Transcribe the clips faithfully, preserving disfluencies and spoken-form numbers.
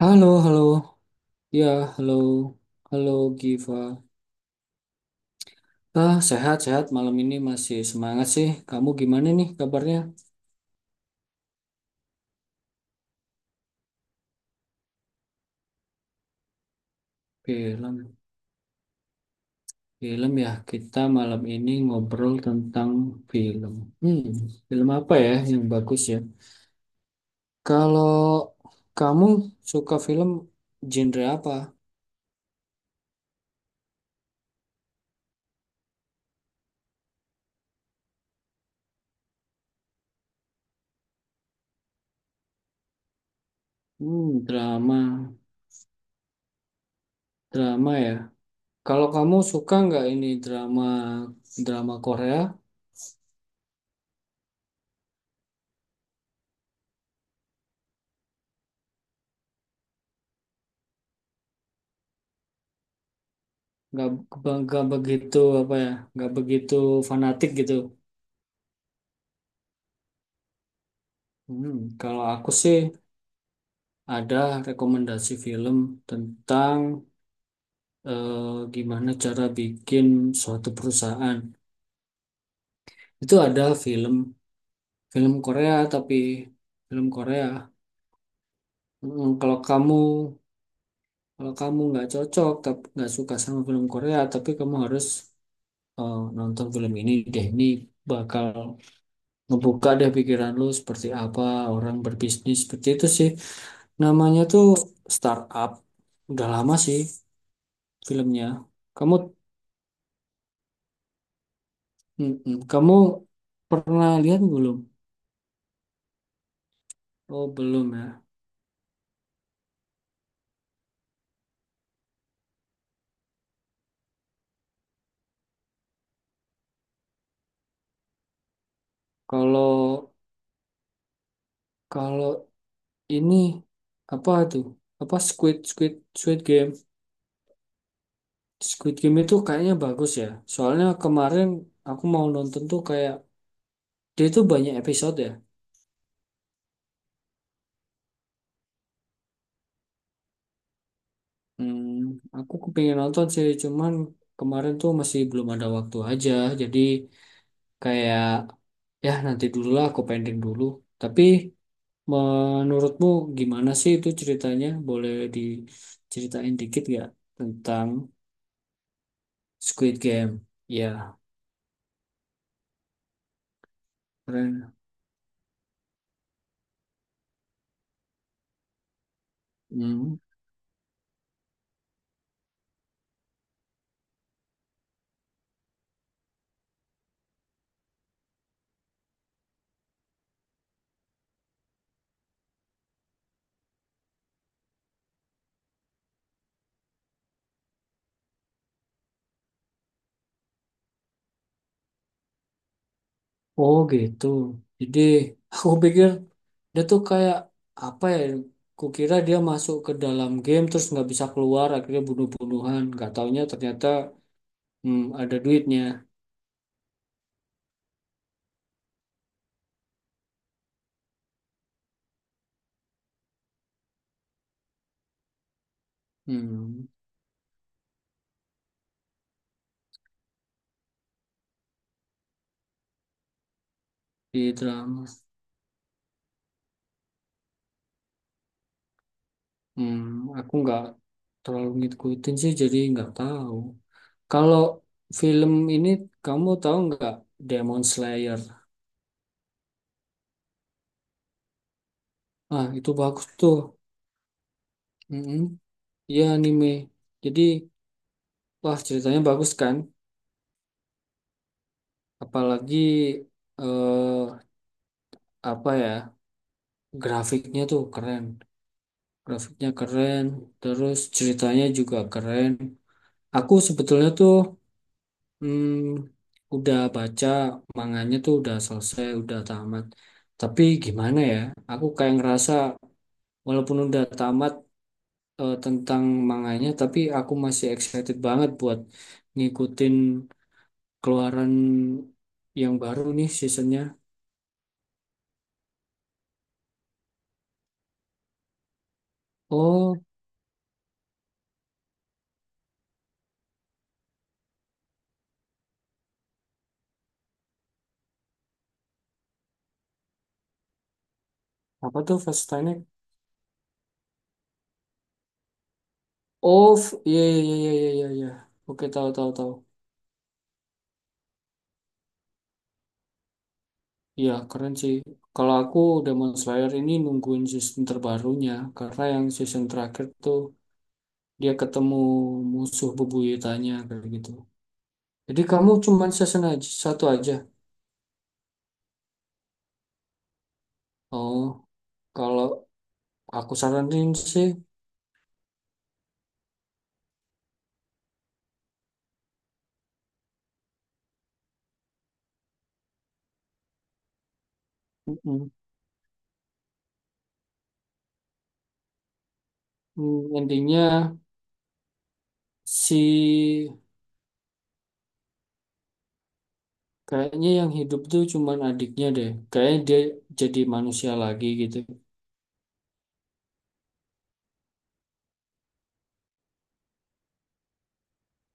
Halo, halo. Ya, halo. Halo, Giva. Ah, sehat-sehat. Malam ini masih semangat sih. Kamu gimana nih kabarnya? Film. Film ya. Kita malam ini ngobrol tentang film. Hmm, Film apa ya yang bagus ya? Kalau kamu suka film genre apa? Hmm, drama. Drama ya. Kalau kamu suka nggak ini drama drama Korea? nggak nggak begitu apa ya, nggak begitu fanatik gitu. Hmm, kalau aku sih ada rekomendasi film tentang eh, gimana cara bikin suatu perusahaan. Itu ada film, film Korea, tapi film Korea. Mm, kalau kamu kalau kamu nggak cocok, tapi nggak suka sama film Korea, tapi kamu harus eh, nonton film ini deh. Ini bakal ngebuka deh pikiran lu seperti apa orang berbisnis seperti itu sih. Namanya tuh Startup. Udah lama sih filmnya. Kamu mm-mm. Kamu pernah lihat belum? Oh, belum ya. Kalau kalau ini apa tuh? Apa Squid Squid Squid Game? Squid Game itu kayaknya bagus ya. Soalnya kemarin aku mau nonton tuh, kayak dia itu banyak episode ya. Hmm, aku kepingin nonton sih, cuman kemarin tuh masih belum ada waktu aja. Jadi, kayak ya nanti dulu lah, aku pending dulu. Tapi menurutmu gimana sih itu ceritanya? Boleh diceritain dikit gak tentang Squid Game? Ya, keren. Hmm. Oh gitu. Jadi aku pikir dia tuh kayak apa ya? Kukira dia masuk ke dalam game terus nggak bisa keluar, akhirnya bunuh-bunuhan. Gak taunya ternyata, hmm, ada duitnya. Hmm, di drama. Hmm, aku nggak terlalu ngikutin sih, jadi nggak tahu. Kalau film ini, kamu tahu nggak Demon Slayer? Ah, itu bagus tuh. Mm-mm. Iya anime. Jadi, wah, ceritanya bagus kan? Apalagi eh apa ya? Grafiknya tuh keren. Grafiknya keren, terus ceritanya juga keren. Aku sebetulnya tuh, hmm, udah baca manganya tuh udah selesai, udah tamat. Tapi gimana ya? Aku kayak ngerasa walaupun udah tamat eh, tentang manganya, tapi aku masih excited banget buat ngikutin keluaran yang baru nih seasonnya. Oh, apa tuh Fast Titanic? Oh, f- iya iya iya iya iya iya, iya. Oke, tahu tahu tahu. Iya, keren sih. Kalau aku, Demon Slayer ini nungguin season terbarunya karena yang season terakhir tuh dia ketemu musuh bebuyutannya kayak gitu. Jadi kamu cuman season aja, satu aja. Oh, kalau aku saranin sih, mm, mm, intinya si, kayaknya yang hidup tuh cuman adiknya deh. Kayaknya dia jadi manusia lagi gitu.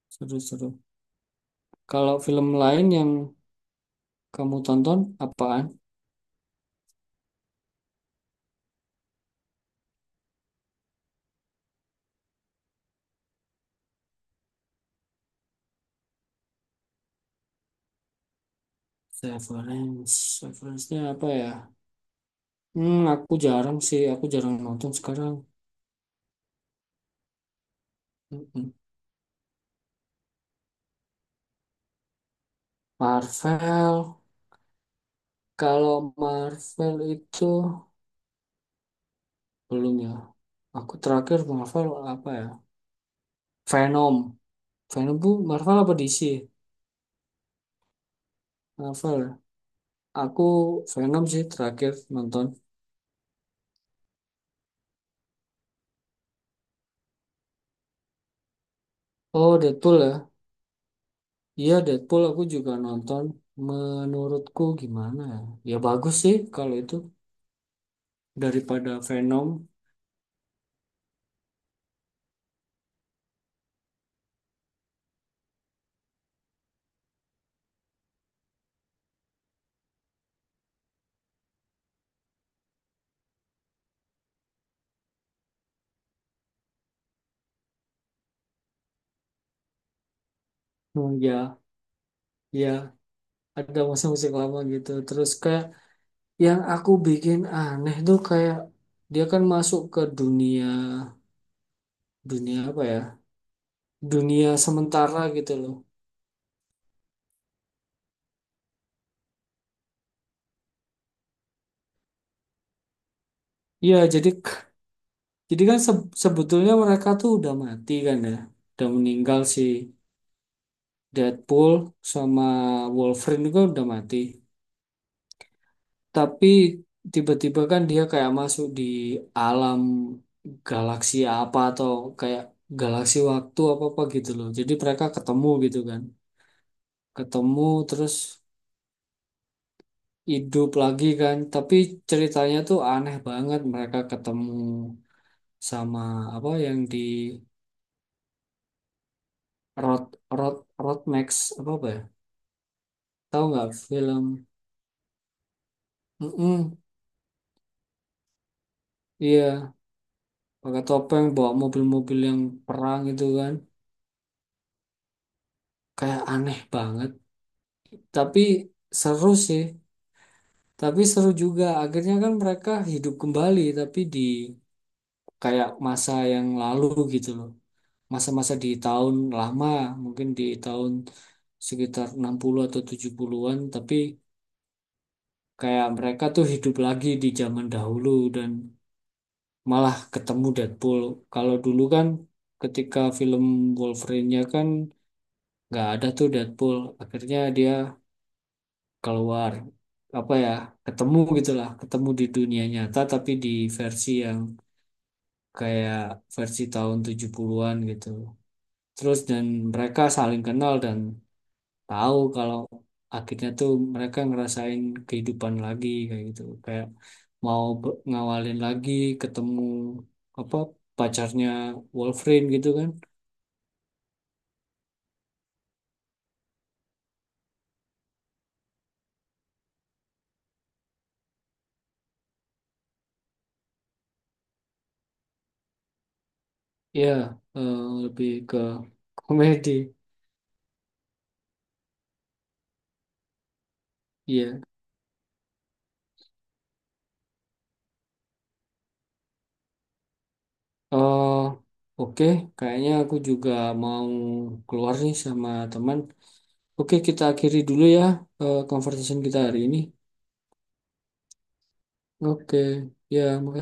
Seru-seru. Kalau film lain yang kamu tonton apaan? Severance. Severance-nya apa ya? Hmm, aku jarang sih, aku jarang nonton sekarang. Mm-mm. Marvel. Kalau Marvel itu belum ya. Aku terakhir Marvel apa ya? Venom. Venom tuh Marvel apa D C? Marvel ya? Aku Venom sih terakhir nonton. Oh Deadpool ya. Iya Deadpool aku juga nonton. Menurutku gimana ya? Ya bagus sih kalau itu daripada Venom. Hmm, ya, ya ada musik-musik lama gitu. Terus kayak yang aku bikin aneh tuh, kayak dia kan masuk ke dunia, dunia apa ya, dunia sementara gitu loh. Iya jadi jadi kan se- sebetulnya mereka tuh udah mati kan ya, udah meninggal si Deadpool sama Wolverine juga udah mati, tapi tiba-tiba kan dia kayak masuk di alam galaksi apa, atau kayak galaksi waktu apa apa gitu loh, jadi mereka ketemu gitu kan. Ketemu terus hidup lagi kan, tapi ceritanya tuh aneh banget. Mereka ketemu sama apa yang di Road Road Road Max apa apa ya, tahu nggak film? Mm-mm, iya pakai topeng bawa mobil-mobil yang perang itu kan, kayak aneh banget tapi seru sih. Tapi seru juga akhirnya kan mereka hidup kembali, tapi di kayak masa yang lalu gitu loh, masa-masa di tahun lama, mungkin di tahun sekitar enam puluh atau tujuh puluhan-an, tapi kayak mereka tuh hidup lagi di zaman dahulu dan malah ketemu Deadpool. Kalau dulu kan ketika film Wolverine-nya kan nggak ada tuh Deadpool. Akhirnya dia keluar, apa ya, ketemu gitulah, ketemu di dunia nyata tapi di versi yang kayak versi tahun tujuh puluhan-an gitu. Terus dan mereka saling kenal dan tahu kalau akhirnya tuh mereka ngerasain kehidupan lagi kayak gitu, kayak mau be- ngawalin lagi, ketemu apa pacarnya Wolverine gitu kan. Ya eh, lebih ke komedi. Iya, eh oke, kayaknya aku juga mau keluar nih sama teman. Oke, kita akhiri dulu ya eh, conversation kita hari ini. Oke, ya makasih.